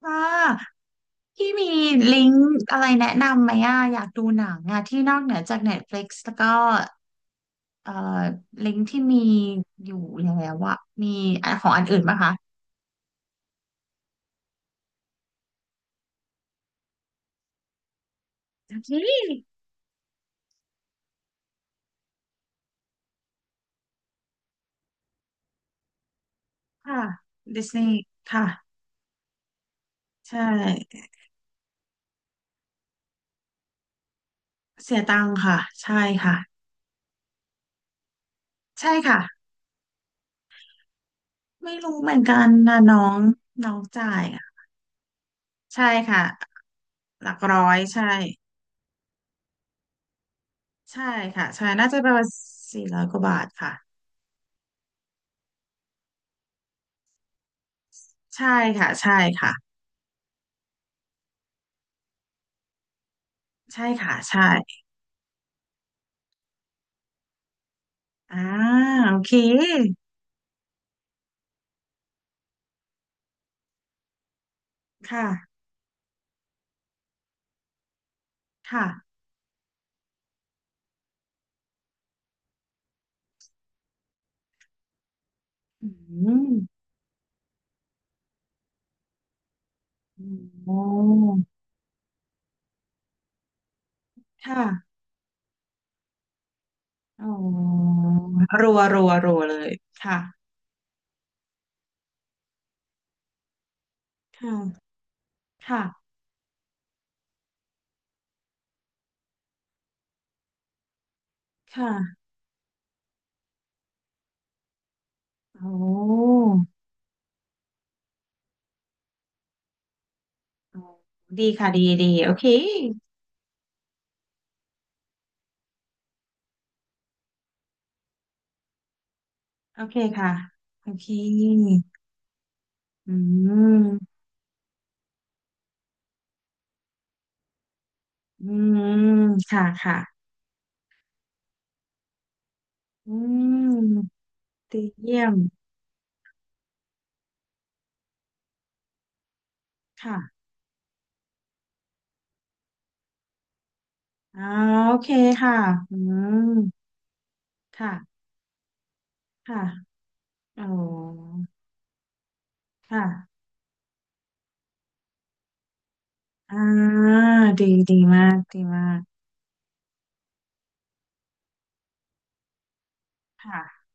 ค่ะพี่มีลิงก์อะไรแนะนำไหมอ่ะอยากดูหนังอ่ะที่นอกเหนือจาก Netflix แล้วก็เอ่อลิงก์ที่มีอยู่แล้วอ่ะมีของอันอื่นปะคะอืมค่ะดิสนีย์ค่ะใช่เสียตังคค่ะใช่ค่ะใช่ค่ะไม่รู้เหมือนกันนะน้องน้องจ่ายอ่ะใช่ค่ะหลักร้อยใช่ใช่ค่ะใช่น่าจะประมาณ400กว่าบาทค่ะใช่ค่ะใช่ค่ะใช่ค่ะใช่ อ่าโอเคค่ะค่ะอืมโอ้ค่ะอ๋อรัวรัวรัวเลยค่ะค่ะค่ะค่ะโอ้อ๋อดีค่ะดีดีโอเคโอเคค่ะโอเคอืมอืมค่ะค่ะอืมดีเยี่ยมค่ะอ่าโอเคค่ะอืมค่ะค่ะอ๋อค่ะ อ่าดีดีมากดีมากค่ะ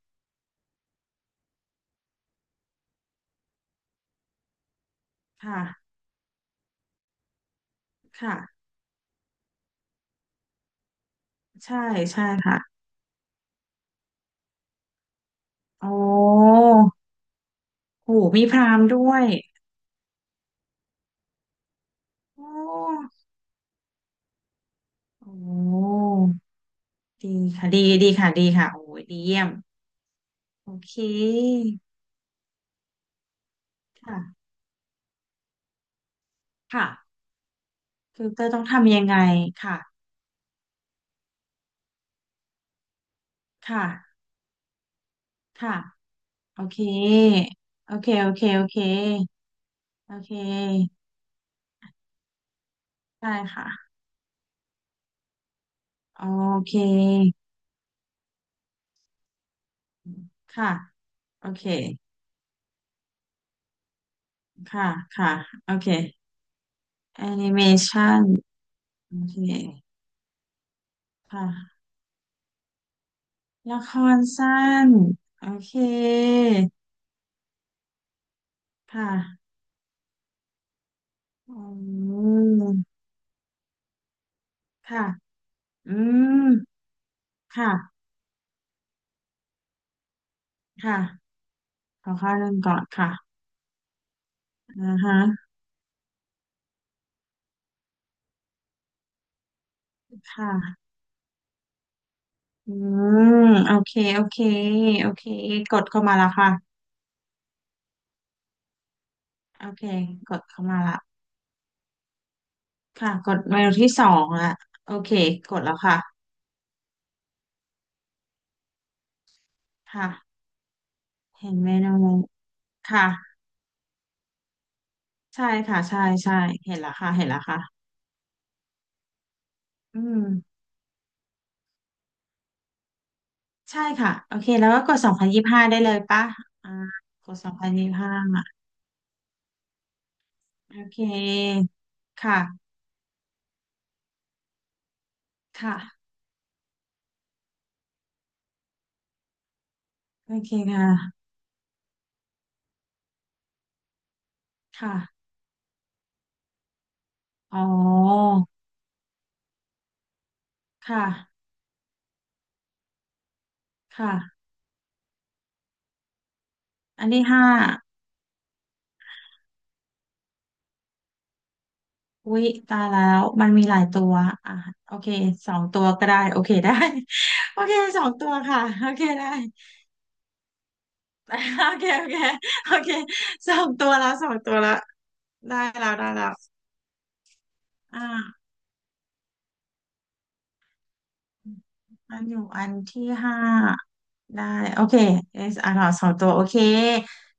ค่ะค่ะใช่ใช่ค่ะโอ้โหมีพราหมณ์ด้วยโอ้โอ้ดีค่ะดีดีค่ะดีค่ะโอ้ยดีเยี่ยมโอเคค่ะค่ะคือเตอร์ต้องทำยังไงค่ะค่ะค่ะโอเคโอเคโอเคโอเคโอเคได้ค่ะโอเคค่ะโอเคค่ะค่ะโอเค แอนิเมชันโอเคค่ะละครสั้นโอเคค่ะอืมค่ะอืมค่ะค่ะขอข้อหนึ่งก่อนค่ะอ่าฮะค่ะอืมโอเคโอเคโอเคกดเข้ามาแล้วค่ะโอเคกดเข้ามาละค่ะกดเมนูที่สองละโอเคกดแล้วค่ะค่ะเห็นเมนูค่ะใช่ค่ะใช่ใช่เห็นแล้วค่ะเห็นแล้วค่ะอืม ใช่ค่ะโอเคแล้วก็กดสองพันยี่สิบห้าได้เลยปะอ่ากดสองพันยี่สิบห้าอ่ะโอเคค่ะค่ะโอเคค่ะค่ะอ๋อค่ะค่ะอันที่ห้าวิตายแล้วมันมีหลายตัวอ่ะโอเคสองตัวก็ได้โอเคได้ โอเคสองตัวค่ะโอเคได้ โอเคโอเคโอเคสองตัวแล้วสองตัวแล้วได้แล้วได้แล้วอ่า อันอยู่อันที่ห้าได้โอเค yes อ่านออสองตัวโอเค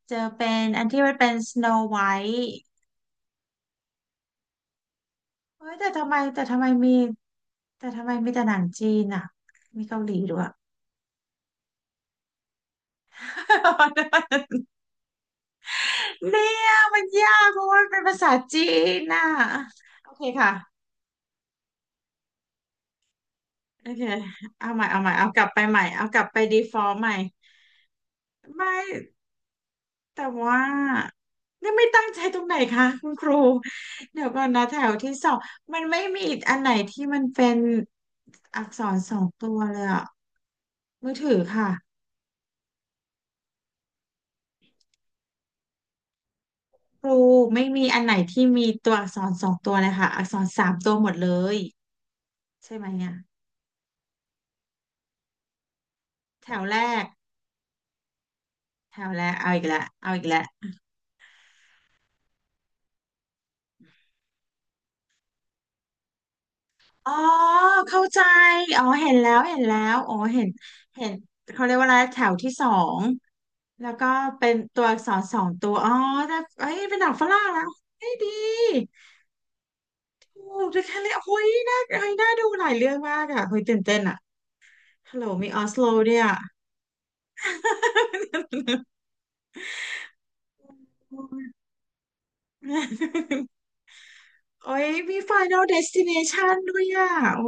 เจอเป็นอันที่มันเป็น Snow White เฮ้ยแต่ทำไมแต่ทำไมมีแต่ทำไมมีแต่หนังจีนอ่ะมีเกาหลีด้วย เนี่ยมันยากเพราะว่ามันเป็นภาษาจีนน่ะโอเคค่ะโอเคเอาใหม่เอาใหม่เอากลับไปใหม่เอากลับไป default ใหม่ไม่ แต่ว่านี่ไม่ตั้งใจตรงไหนคะคุณครูเดี๋ยวก่อนนะแถวที่สองมันไม่มีอีกอันไหนที่มันเป็นอักษรสองตัวเลยอะมือถือค่ะครูไม่มีอันไหนที่มีตัวอักษรสองตัวเลยค่ะอักษรสามตัวหมดเลยใช่ไหมเนี่ยแถวแรกแถวแรกเอาอีกแล้วเอาอีกแล้วอ๋อเข้าใจอ๋อเห็นแล้วเห็นแล้วอ๋อเห็นเห็นเขาเรียกว่าอะไรแถวที่สอง แล้วก็เป็นตัวอักษรสองตัวอ๋อแต่เอ้ยเป็นหนังฝรั่งแล้วเฮ้ยดีโอ้ดูแค่เลยโอ้ยน่าเอ้ยน่าดูหลายเรื่องมากอ่ะเฮ้ยตื่นเต้นอ่ะฮัลโหลมีออสโลด้วยอ่ะ โอ้ยมี Final Destination ด้วยอ่ะโอ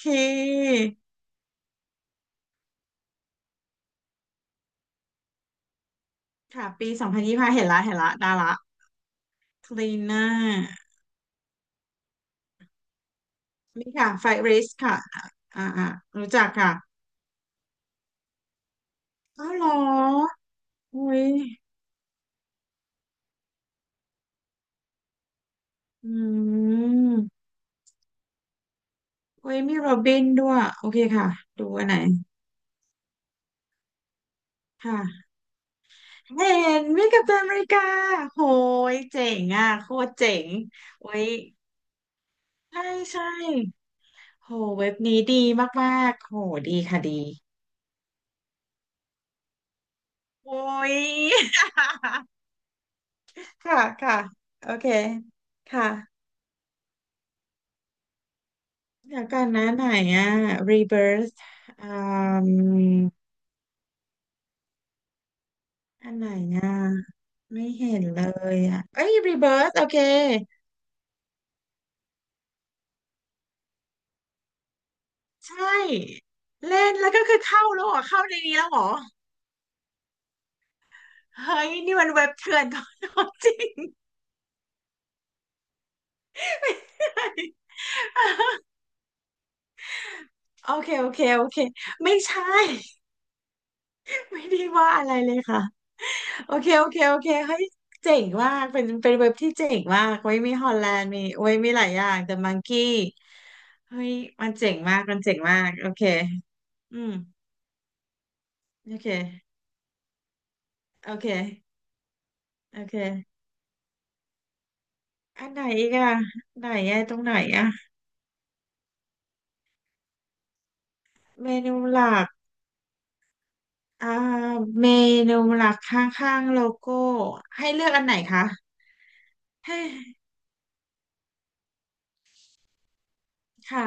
เคค่ะปีสองพันยี่สิบห้าเห็นละเห็นละได้ละคลีน n ่ามีค่ะไฟ r รสค่ะอ่าอ่ารู้จักค่ะอ้าวเหรออุ้ย อืมโอ้ยมีโรบินด้วยโอเคค่ะ ดูอันไหนค่ะเห็นมีกัปตันอเมริกาโหยเจ๋งอ่ะโคตรเจ๋งโอ้ยใช่ใช่โหเว็บนี้ดีมากๆโหดีค่ะดี โอ้ย ค่ะค่ะโอเค ค่ะเดี๋ยวก่อนนะไหนอ่ะ Rebirth อืมอันไหนอ่ะไม่เห็นเลยอ่ะเอ้ย Rebirth โอเค ใช่เล่นแล้วก็คือเข้าแล้วเหรอเข้าในนี้แล้วเหรอเฮ้ยนี่มันเว็บเถื่อนของจริงโอเคโอเคโอเคไม่ใช่ ไม่ได้ว่าอะไรเลยค่ะโอเคโอเคโอเคเฮ้ยเจ๋งมากเป็นเป็นเว็บที่เจ๋งมากไว้มีฮอลแลนด์มีไว้มีหลายอย่างแต่มังกี้เฮ้ยมันเจ๋งมากมันเจ๋งมากโอเคอืมโอเคโอเคโอเคอันไหนอีกอะไหนอะตรงไหนอะเมนูหลัก อ่าเมนูหลักข้างๆโลโก้ให้เลือกอันไหนคะให้ค่ะ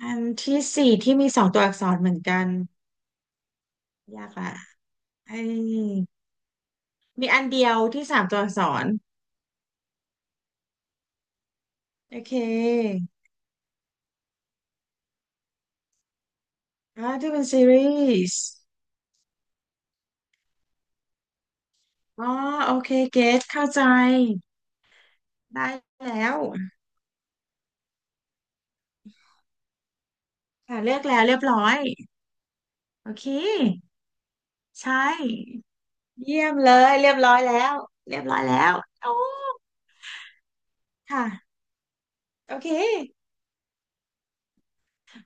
อันที่สี่ที่มีสองตัวอักษรเหมือนกันยากละไอ้มีอันเดียวที่สามตัวอักษรโอเคอ่าที่เป็นซีรีส์อ๋อโอเคเกตเข้าใจได้แล้วค่ะเลือกแล้วเรียบร้อยโอเคใช่เยี่ยมเลยเรียบร้อยแล้วเรียบร้อยแล้วโอ้ค่ะโอเค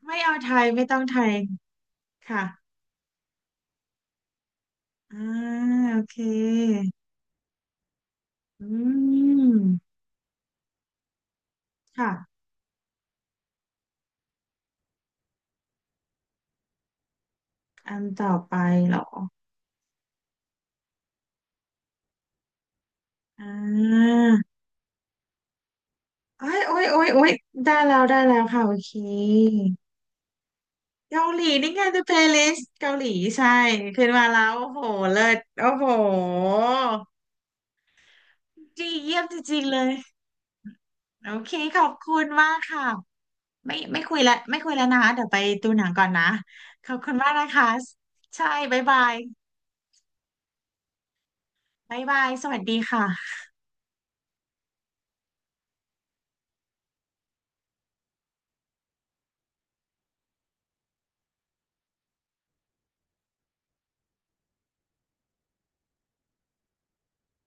ไม่เอาไทยไม่ต้องไทยค่ะอ่าโอเคอืมค่ะอันต่อไปเหรออ่าโอ้ยโอ้ยโอ้ยโอ้ยได้แล้วได้แล้วค่ะโอเคเกาหลีนี่ไง The Playlist เกาหลีใช่ขึ้นมาแล้วโอ้โหเลิศโอ้โหดีเยี่ยมจริงๆเลยโอเคขอบคุณมากค่ะไม่ไม่คุยแล้วไม่คุยแล้วนะคะเดี๋ยวไปดูหนังก่อนนะขอบคุณมากนะคะใช่บ๊ายบาย บ๊ายบายสวัสดีค่ะ